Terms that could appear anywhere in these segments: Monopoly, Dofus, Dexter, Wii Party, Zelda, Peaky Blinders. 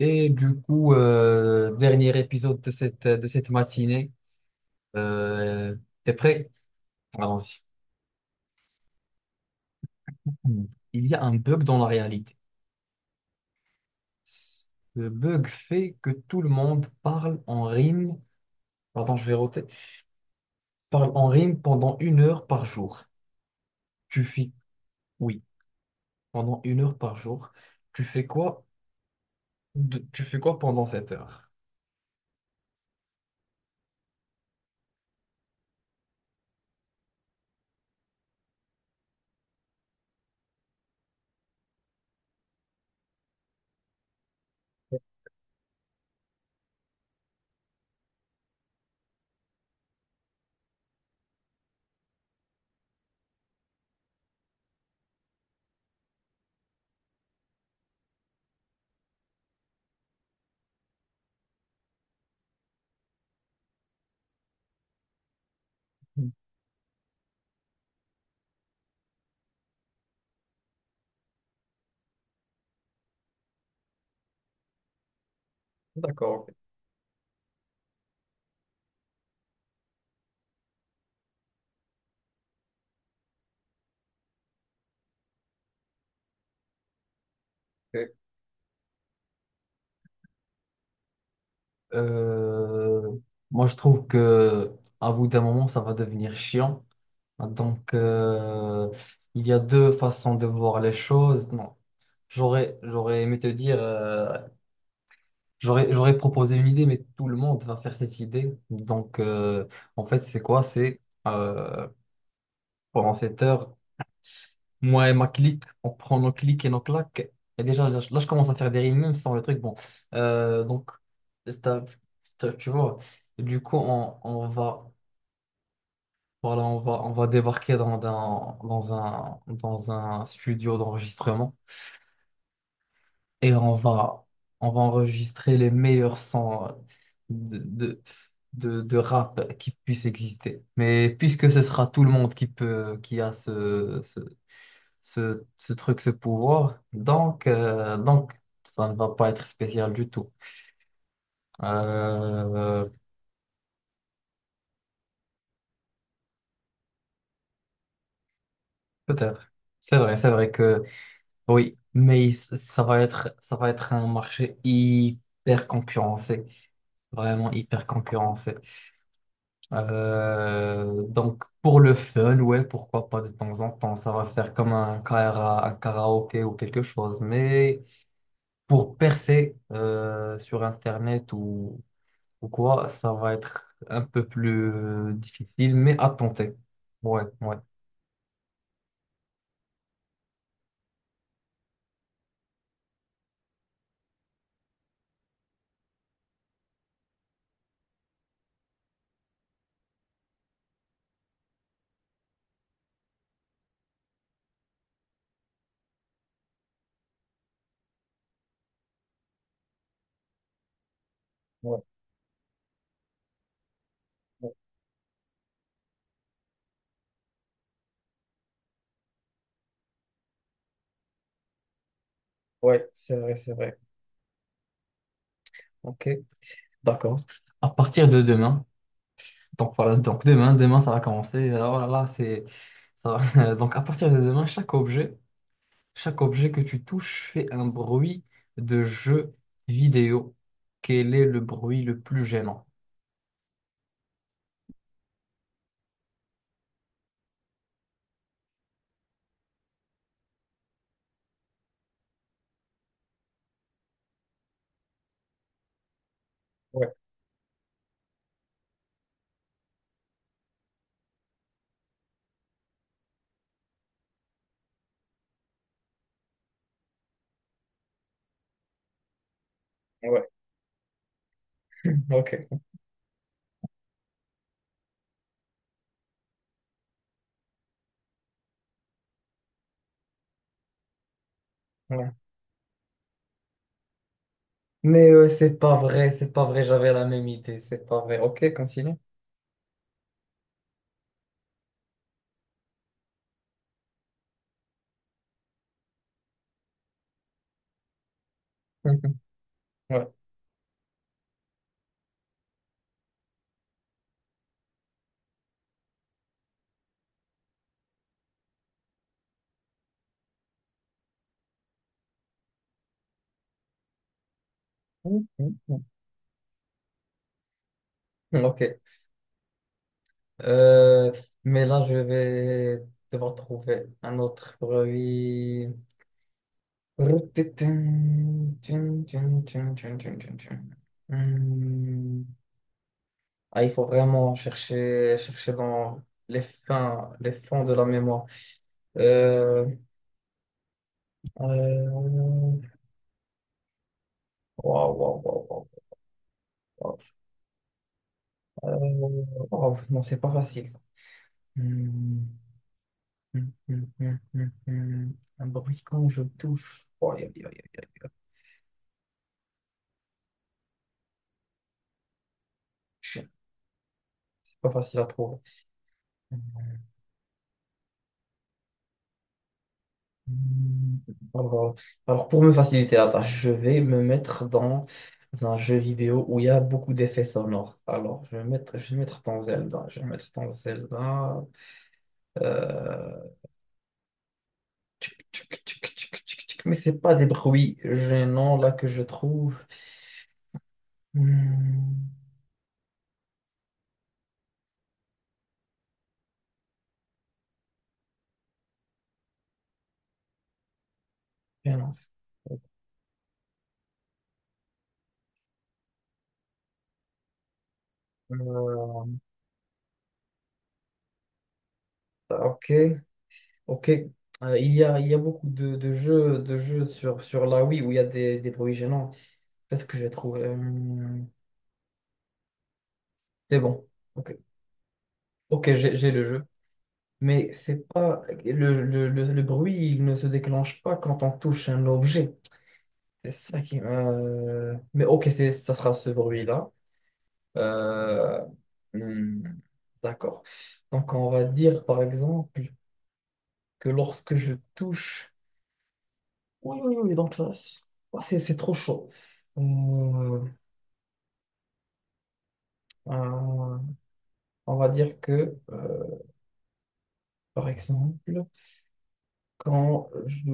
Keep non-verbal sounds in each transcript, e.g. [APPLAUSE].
Et du coup, dernier épisode de cette matinée. Euh, t'es prêt? Allons-y. Il y a un bug dans la réalité. Le bug fait que tout le monde parle en rime. Pardon, je vais roter. Parle en rime pendant une heure par jour. Tu fais oui, pendant une heure par jour. Tu fais tu fais quoi pendant cette heure? D'accord. Ok. Euh, moi, je trouve que à bout d'un moment, ça va devenir chiant. Donc, il y a deux façons de voir les choses. Non, j'aurais aimé te dire, j'aurais proposé une idée, mais tout le monde va faire cette idée. Donc, en fait, c'est quoi? C'est euh, pendant cette heure, moi et ma clique, on prend nos clics et nos claques. Et déjà, là, je commence à faire des rimes, même sans le truc. Bon, donc, c'est un- tu vois, du coup, on va. Voilà, on va débarquer dans dans un studio d'enregistrement et on va enregistrer les meilleurs sons de, de, de rap qui puissent exister. Mais puisque ce sera tout le monde qui peut, qui a ce truc, ce pouvoir, donc ça ne va pas être spécial du tout. Euh, peut-être. C'est vrai que. Oui, ça va être un marché hyper concurrencé, vraiment hyper concurrencé. Donc pour le fun, ouais, pourquoi pas de temps en temps, ça va faire comme un karaoké ou quelque chose. Mais pour percer sur Internet ou quoi, ça va être un peu plus difficile, mais à tenter. Ouais, ouais, ouais, ouais, ouais, c'est vrai, c'est vrai. Ok, d'accord. À partir de demain. Donc voilà, donc demain, demain ça va commencer. Oh là là, [LAUGHS] Donc à partir de demain, chaque objet que tu touches fait un bruit de jeu vidéo. Quel est le bruit le plus gênant? Ouais, ouais, ok. Ouais. Mais c'est pas vrai, j'avais la même idée, c'est pas vrai. Ok, continue. [LAUGHS] Mhm, ouais. Mhm, mhm. Ok. Euh, mais là, je vais devoir trouver un autre bruit. Hmm. Ah, il faut vraiment chercher, chercher dans les les fonds de la mémoire. Euh, euh, waouh, waouh, waouh, waouh, waouh. Waouh, non, c'est pas facile ça. Hmm, hmm, hmm, hmm, hmm, hmm. Un bruit quand je touche. Oh, aïe, aïe, aïe, aïe, aïe. Chien. C'est pas facile à trouver. Hmm, Alors, alors, pour me faciliter la tâche, je vais me mettre dans un jeu vidéo où il y a beaucoup d'effets sonores. Alors, je vais me mettre dans Zelda. Je vais me mettre dans Zelda. Euh... tchic, tchic, tchic, tchic, tchic, tchic. Mais c'est pas des bruits gênants là que je trouve. Hmm, gênants. Euh, ok, ok. Il y a beaucoup de de jeux sur la Wii où il y a des bruits gênants. Peut-être que je vais trouver. C'est bon. Ok, ok, j'ai le jeu. Mais c'est pas le bruit, il ne se déclenche pas quand on touche un objet. C'est ça qui. Mais ok, c'est ça sera ce bruit-là. Euh, hmm, D'accord. Donc on va dire par exemple que lorsque je touche. Oui, oui, oui. Donc là, c'est trop chaud. Euh, euh, on va dire que par exemple quand je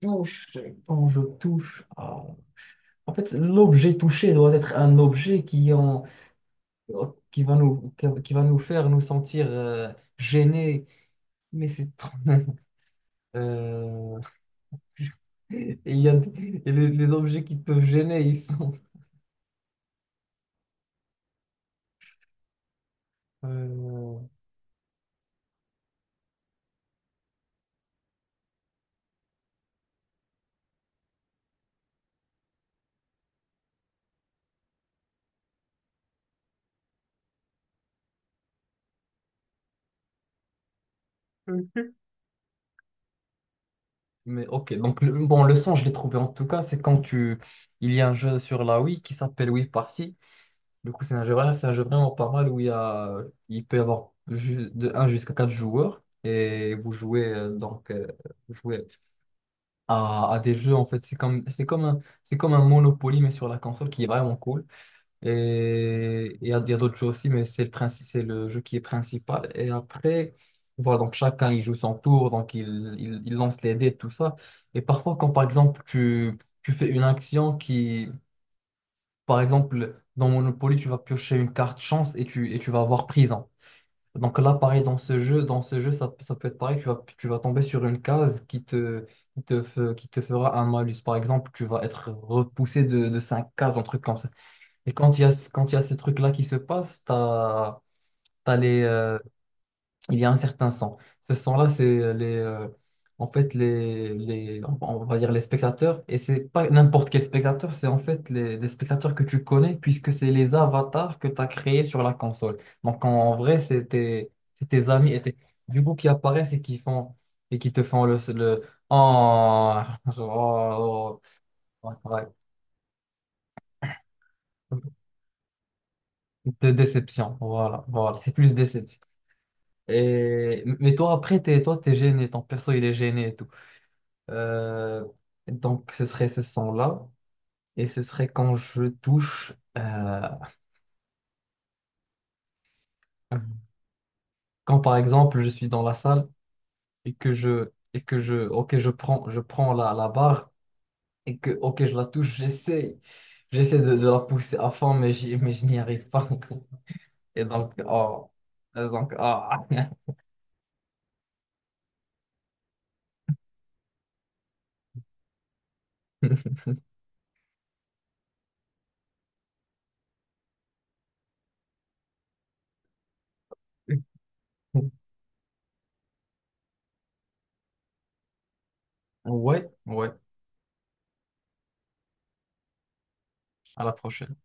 touche, quand je touche à- En fait, l'objet touché doit être un objet qui va nous... qui va nous faire nous sentir gênés. Mais c'est trop... [LAUGHS] Euh, et il y a... et les objets qui peuvent gêner, ils sont... euh, Mais ok, donc le... bon, le son, je l'ai trouvé en tout cas, c'est quand tu... Il y a un jeu sur la Wii qui s'appelle Wii Party. Du coup, c'est un jeu, voilà, c'est un jeu vraiment pas mal où il y a, il peut y avoir de un jusqu'à 4 joueurs et vous jouez donc vous jouez à des jeux en fait c'est comme c'est comme un Monopoly mais sur la console qui est vraiment cool et il y a d'autres jeux aussi mais c'est le jeu qui est principal et après voilà donc chacun il joue son tour donc il lance les dés tout ça et parfois quand par exemple tu fais une action qui par exemple, dans Monopoly, tu vas piocher une carte chance et tu vas avoir prison. Donc là, pareil, dans ce jeu, ça peut être pareil, tu vas tomber sur une case qui te fera un malus. Par exemple, tu vas être repoussé de 5 cases, un truc comme ça. Et quand il y a ces trucs-là qui se passent, tu as, les, il y a un certain sang. Ce sang-là, c'est les, en fait on va dire les spectateurs, et c'est pas n'importe quel spectateur, c'est en fait les spectateurs que tu connais, puisque c'est les avatars que tu as créés sur la console. Donc en vrai, c'est tes amis et du coup qui apparaissent et qui font et qui te font le oh, [LAUGHS] oh, oh, ouais. De déception, voilà, voilà, c'est plus déception. Et, mais toi, après, toi, t'es gêné, ton perso, il est gêné et tout. Euh, donc, ce serait ce son-là. Et ce serait quand je touche, euh, quand par exemple je suis dans la salle et que je, ok, je prends la barre et que, ok, je la touche, j'essaie de la pousser à fond, mais je n'y arrive pas. [LAUGHS] Et donc, oh, et donc, ah. [LAUGHS] Ouais, ouais, à la prochaine.